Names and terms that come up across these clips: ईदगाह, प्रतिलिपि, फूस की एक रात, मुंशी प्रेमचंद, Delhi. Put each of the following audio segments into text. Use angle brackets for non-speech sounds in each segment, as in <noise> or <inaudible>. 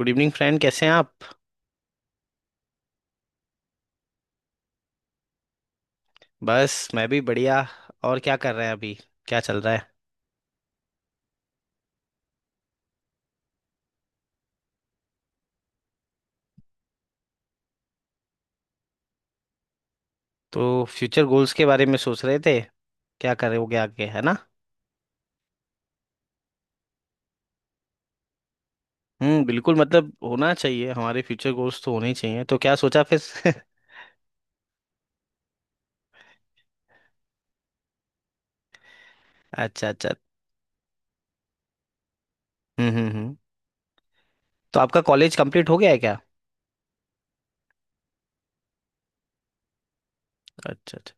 Good evening friend. कैसे हैं आप? बस मैं भी बढ़िया। और क्या कर रहे हैं अभी? क्या चल रहा है? तो फ्यूचर गोल्स के बारे में सोच रहे थे, क्या करोगे आगे, है ना? हम्म, बिल्कुल, मतलब होना चाहिए, हमारे फ्यूचर गोल्स तो होने ही चाहिए। तो क्या सोचा फिर? <laughs> अच्छा अच्छा। हम्म। तो आपका कॉलेज कंप्लीट हो गया है क्या? अच्छा अच्छा।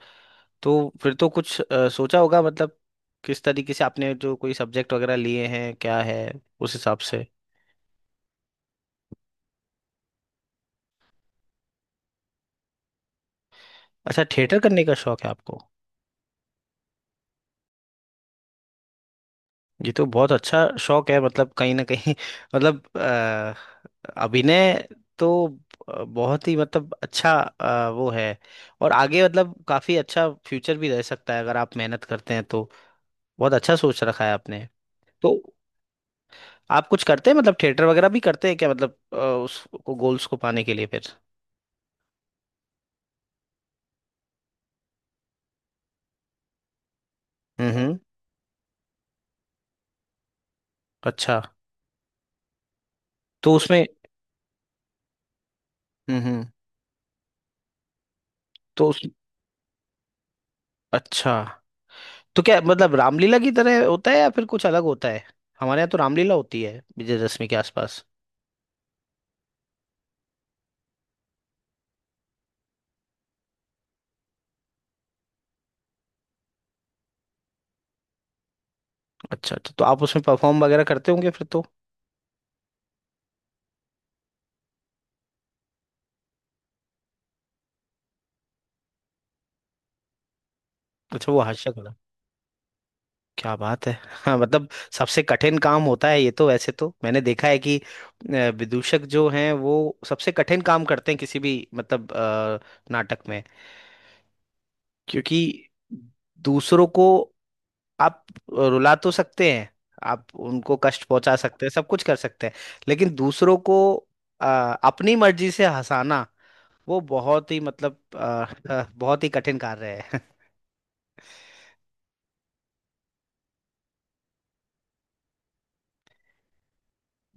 तो फिर तो कुछ सोचा होगा, मतलब किस तरीके से आपने जो कोई सब्जेक्ट वगैरह लिए हैं, क्या है उस हिसाब से। अच्छा, थिएटर करने का शौक है आपको। ये तो बहुत अच्छा शौक है, मतलब कहीं ना कहीं <laughs> मतलब अभिनय तो बहुत ही मतलब अच्छा वो है। और आगे मतलब काफी अच्छा फ्यूचर भी रह सकता है अगर आप मेहनत करते हैं तो। बहुत अच्छा सोच रखा है आपने। तो आप कुछ करते हैं मतलब थिएटर वगैरह भी करते हैं क्या, मतलब उसको गोल्स को पाने के लिए फिर? हम्म। अच्छा। तो उसमें। हम्म। तो उस। अच्छा, तो क्या मतलब रामलीला की तरह होता है या फिर कुछ अलग होता है? हमारे यहाँ तो रामलीला होती है विजयदशमी के आसपास। अच्छा अच्छा, तो आप उसमें परफॉर्म वगैरह करते होंगे फिर तो। अच्छा, वो हास्य कला। क्या बात है। हाँ मतलब सबसे कठिन काम होता है ये, तो वैसे तो मैंने देखा है कि विदूषक जो हैं वो सबसे कठिन काम करते हैं किसी भी मतलब नाटक में, क्योंकि दूसरों को आप रुला तो सकते हैं, आप उनको कष्ट पहुंचा सकते हैं, सब कुछ कर सकते हैं, लेकिन दूसरों को अ, अपनी मर्जी से हंसाना वो बहुत ही मतलब <laughs> बहुत ही कठिन कार्य है।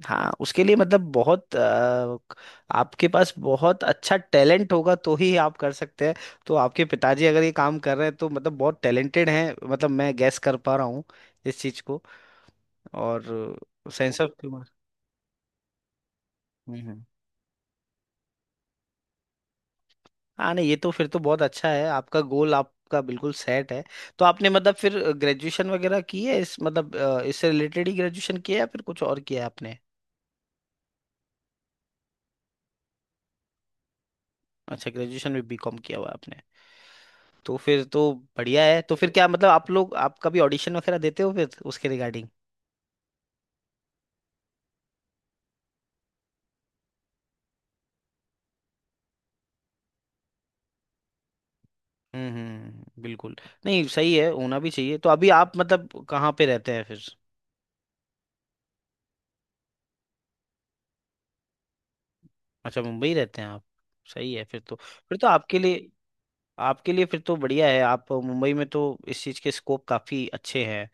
हाँ, उसके लिए मतलब बहुत आपके पास बहुत अच्छा टैलेंट होगा तो ही आप कर सकते हैं। तो आपके पिताजी अगर ये काम कर रहे हैं तो मतलब बहुत टैलेंटेड हैं, मतलब मैं गैस कर पा रहा हूँ इस चीज को। और सेंस ऑफ ह्यूमर। हम्म। हाँ, नहीं, ये तो फिर तो बहुत अच्छा है, आपका गोल आपका बिल्कुल सेट है। तो आपने मतलब फिर ग्रेजुएशन वगैरह की है इस मतलब इससे रिलेटेड ही ग्रेजुएशन किया है या फिर कुछ और किया है आपने? अच्छा, ग्रेजुएशन में बीकॉम किया हुआ है आपने। तो फिर तो बढ़िया है। तो फिर क्या मतलब आप लोग, आप कभी ऑडिशन वगैरह देते हो फिर उसके रिगार्डिंग? बिल्कुल। नहीं सही है, होना भी चाहिए। तो अभी आप मतलब कहाँ पे रहते हैं फिर? अच्छा, मुंबई रहते हैं आप। सही है, फिर तो आपके लिए, आपके लिए फिर तो बढ़िया है, आप मुंबई में तो इस चीज़ के स्कोप काफ़ी अच्छे हैं।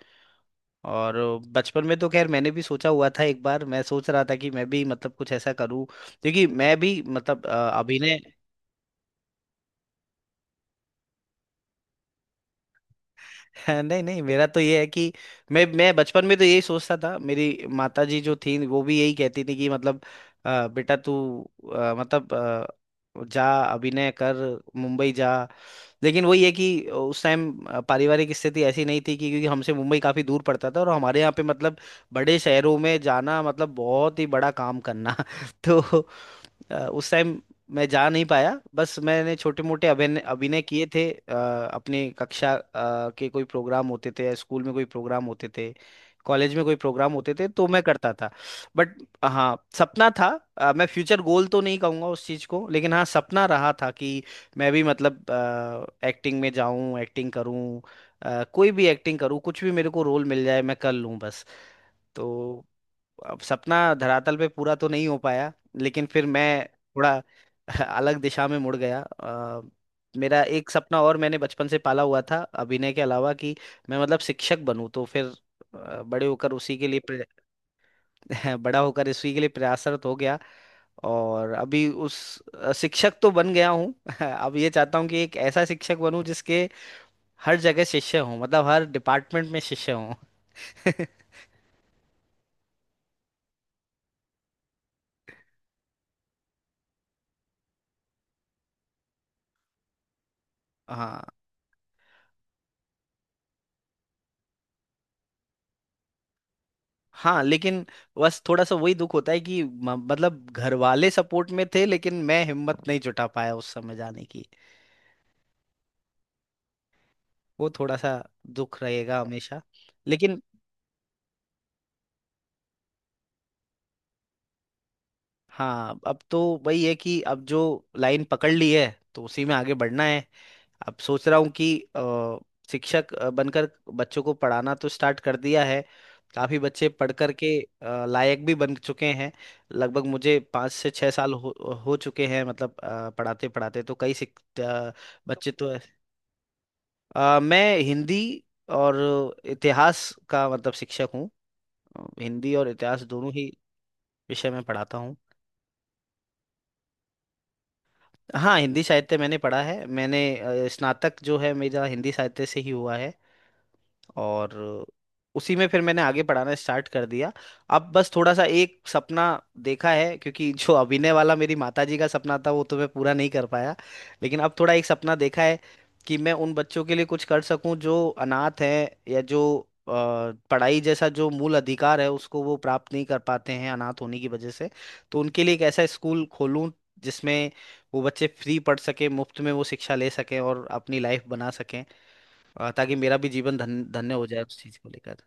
और बचपन में तो खैर मैंने भी सोचा हुआ था, एक बार मैं सोच रहा था कि मैं भी मतलब कुछ ऐसा करूं, क्योंकि मैं भी मतलब अभिनय। <laughs> हाँ, नहीं नहीं, मेरा तो ये है कि मैं बचपन में तो यही सोचता था, मेरी माता जी जो थी वो भी यही कहती थी कि मतलब, बेटा तू मतलब जा, अभिनय कर, मुंबई जा।" लेकिन वही है कि उस टाइम पारिवारिक स्थिति ऐसी नहीं थी कि, क्योंकि हमसे मुंबई काफी दूर पड़ता था और हमारे यहाँ पे मतलब बड़े शहरों में जाना मतलब बहुत ही बड़ा काम करना। <laughs> तो उस टाइम मैं जा नहीं पाया। बस मैंने छोटे मोटे अभिनय अभिनय किए थे अपने कक्षा के कोई प्रोग्राम होते थे या स्कूल में कोई प्रोग्राम होते थे, कॉलेज में कोई प्रोग्राम होते थे तो मैं करता था। बट हाँ, सपना था। मैं फ्यूचर गोल तो नहीं कहूँगा उस चीज़ को, लेकिन हाँ सपना रहा था कि मैं भी मतलब एक्टिंग में जाऊँ, एक्टिंग करूँ, कोई भी एक्टिंग करूँ, कुछ भी मेरे को रोल मिल जाए, मैं कर लूँ बस। तो अब सपना धरातल पे पूरा तो नहीं हो पाया, लेकिन फिर मैं थोड़ा <laughs> अलग दिशा में मुड़ गया। मेरा एक सपना और मैंने बचपन से पाला हुआ था अभिनय के अलावा, कि मैं मतलब शिक्षक बनूं। तो फिर बड़े होकर उसी के लिए <laughs> बड़ा होकर उसी के लिए प्रयासरत हो गया। और अभी उस शिक्षक तो बन गया हूँ। <laughs> अब ये चाहता हूँ कि एक ऐसा शिक्षक बनूं जिसके हर जगह शिष्य हों, मतलब हर डिपार्टमेंट में शिष्य हों। <laughs> हाँ हाँ। लेकिन बस थोड़ा सा वही दुख होता है कि मतलब घर वाले सपोर्ट में थे लेकिन मैं हिम्मत नहीं जुटा पाया उस समय जाने की। वो थोड़ा सा दुख रहेगा हमेशा। लेकिन हाँ, अब तो वही है कि अब जो लाइन पकड़ ली है तो उसी में आगे बढ़ना है। अब सोच रहा हूँ कि शिक्षक बनकर बच्चों को पढ़ाना तो स्टार्ट कर दिया है। काफी बच्चे पढ़ करके लायक भी बन चुके हैं। लगभग मुझे पाँच से छः साल हो चुके हैं मतलब पढ़ाते पढ़ाते। तो कई बच्चे तो मैं हिंदी और इतिहास का मतलब शिक्षक हूँ। हिंदी और इतिहास दोनों ही विषय में पढ़ाता हूँ। हाँ, हिंदी साहित्य मैंने पढ़ा है। मैंने स्नातक जो है मेरा हिंदी साहित्य से ही हुआ है, और उसी में फिर मैंने आगे पढ़ाना स्टार्ट कर दिया। अब बस थोड़ा सा एक सपना देखा है, क्योंकि <laughs> जो अभिनय वाला मेरी माताजी का सपना था वो तो मैं पूरा नहीं कर पाया, लेकिन अब थोड़ा एक सपना देखा है कि मैं उन बच्चों के लिए कुछ कर सकूं जो अनाथ हैं या जो अ, पढ़ाई जैसा जो मूल अधिकार है उसको वो प्राप्त नहीं कर पाते हैं अनाथ होने की वजह से। तो उनके लिए एक ऐसा स्कूल खोलूं जिसमें वो बच्चे फ्री पढ़ सके, मुफ्त में वो शिक्षा ले सकें और अपनी लाइफ बना सकें, ताकि मेरा भी जीवन धन्य हो जाए उस चीज को लेकर।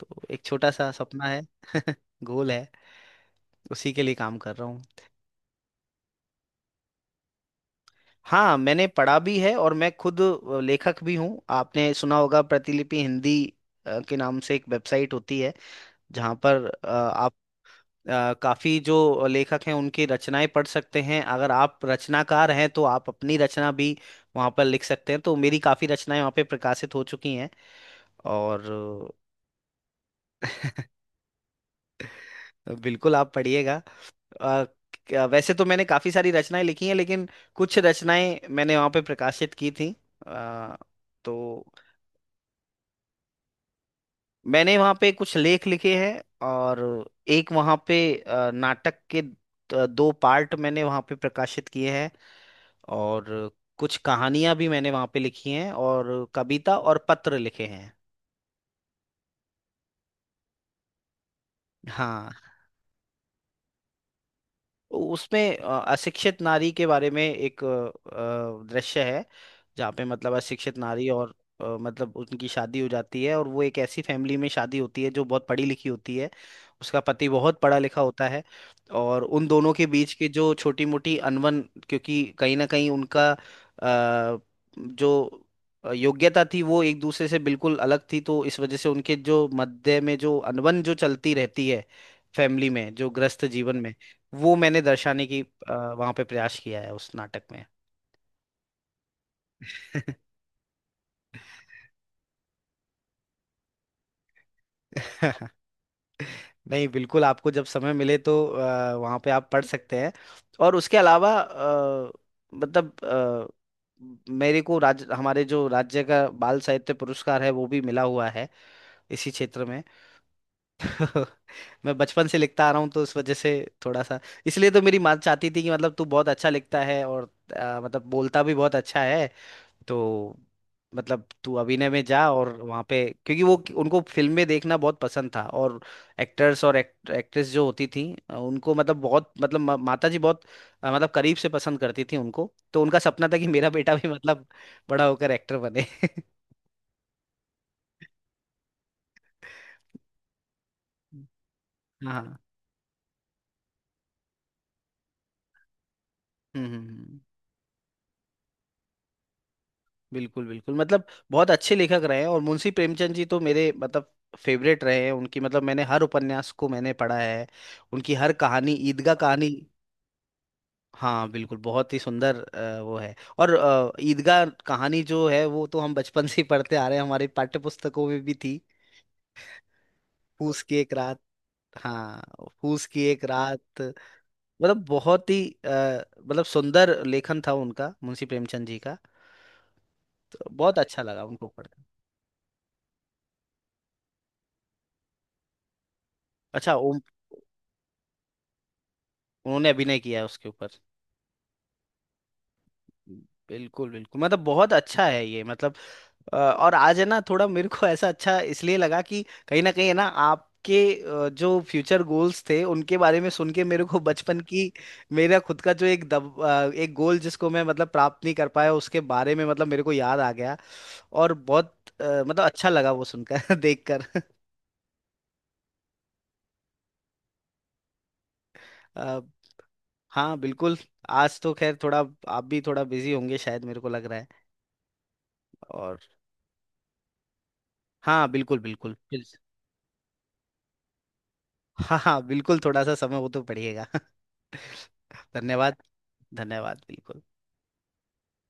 तो एक छोटा सा सपना है। <laughs> गोल है, उसी के लिए काम कर रहा हूँ। हाँ, मैंने पढ़ा भी है और मैं खुद लेखक भी हूँ। आपने सुना होगा प्रतिलिपि हिंदी के नाम से एक वेबसाइट होती है, जहाँ पर आप काफी जो लेखक हैं उनकी रचनाएं पढ़ सकते हैं। अगर आप रचनाकार हैं तो आप अपनी रचना भी वहाँ पर लिख सकते हैं। तो मेरी काफी रचनाएं वहाँ पे प्रकाशित हो चुकी हैं और बिल्कुल आप पढ़िएगा। अ, वैसे तो मैंने काफ़ी सारी रचनाएं लिखी हैं लेकिन कुछ रचनाएं मैंने वहाँ पे प्रकाशित की थी। अ, तो मैंने वहाँ पे कुछ लेख लिखे हैं, और एक वहाँ पे नाटक के दो पार्ट मैंने वहाँ पे प्रकाशित किए हैं, और कुछ कहानियां भी मैंने वहाँ पे लिखी हैं, और कविता और पत्र लिखे हैं। हाँ, उसमें अशिक्षित नारी के बारे में एक दृश्य है, जहाँ पे मतलब अशिक्षित नारी और मतलब उनकी शादी हो जाती है, और वो एक ऐसी फैमिली में शादी होती है जो बहुत पढ़ी लिखी होती है। उसका पति बहुत पढ़ा लिखा होता है, और उन दोनों के बीच के जो छोटी मोटी अनबन, क्योंकि कहीं ना कहीं उनका जो योग्यता थी वो एक दूसरे से बिल्कुल अलग थी, तो इस वजह से उनके जो मध्य में जो अनबन जो चलती रहती है फैमिली में, जो ग्रस्त जीवन में, वो मैंने दर्शाने की वहां पे प्रयास किया है उस नाटक में। <laughs> नहीं, बिल्कुल, आपको जब समय मिले तो वहां पे आप पढ़ सकते हैं। और उसके अलावा मतलब मेरे को राज्य, हमारे जो राज्य का बाल साहित्य पुरस्कार है वो भी मिला हुआ है इसी क्षेत्र में। <laughs> मैं बचपन से लिखता आ रहा हूँ तो उस वजह से थोड़ा सा। इसलिए तो मेरी माँ चाहती थी कि मतलब तू बहुत अच्छा लिखता है, और मतलब बोलता भी बहुत अच्छा है, तो मतलब तू अभिनय में जा। और वहाँ पे, क्योंकि वो, उनको फिल्म में देखना बहुत पसंद था, और एक्टर्स और एक्ट्रेस जो होती थी उनको मतलब बहुत, मतलब माता जी बहुत मतलब करीब से पसंद करती थी उनको। तो उनका सपना था कि मेरा बेटा भी मतलब बड़ा होकर एक्टर बने। <laughs> हाँ। हम्म हम्म, हम्म, बिल्कुल बिल्कुल, मतलब बहुत अच्छे लेखक रहे हैं। और मुंशी प्रेमचंद जी तो मेरे मतलब फेवरेट रहे हैं। उनकी मतलब मैंने हर उपन्यास को मैंने पढ़ा है, उनकी हर कहानी, ईदगाह कहानी। हाँ बिल्कुल, बहुत ही सुंदर वो है। और ईदगाह कहानी जो है वो तो हम बचपन से ही पढ़ते आ रहे हैं, हमारी पाठ्य पुस्तकों में भी थी। फूस की एक रात। हाँ, फूस की एक रात, मतलब बहुत ही अ, मतलब सुंदर लेखन था उनका, मुंशी प्रेमचंद जी का। तो बहुत अच्छा लगा उनको पढ़कर। अच्छा, ओम। उन्होंने अभिनय किया है उसके ऊपर। बिल्कुल बिल्कुल, मतलब बहुत अच्छा है ये मतलब। और आज है ना थोड़ा मेरे को ऐसा अच्छा इसलिए लगा कि कहीं ना कहीं है ना आपके जो फ्यूचर गोल्स थे उनके बारे में सुन के मेरे को बचपन की, मेरा खुद का जो एक एक गोल जिसको मैं मतलब प्राप्त नहीं कर पाया उसके बारे में मतलब मेरे को याद आ गया। और बहुत मतलब अच्छा लगा वो सुनकर <laughs> देखकर। अ, हाँ बिल्कुल। आज तो खैर थोड़ा आप भी थोड़ा बिजी होंगे शायद, मेरे को लग रहा है। और हाँ बिल्कुल बिल्कुल। हाँ हाँ बिल्कुल, थोड़ा सा समय वो तो पड़ेगा। <laughs> धन्यवाद। धन्यवाद बिल्कुल।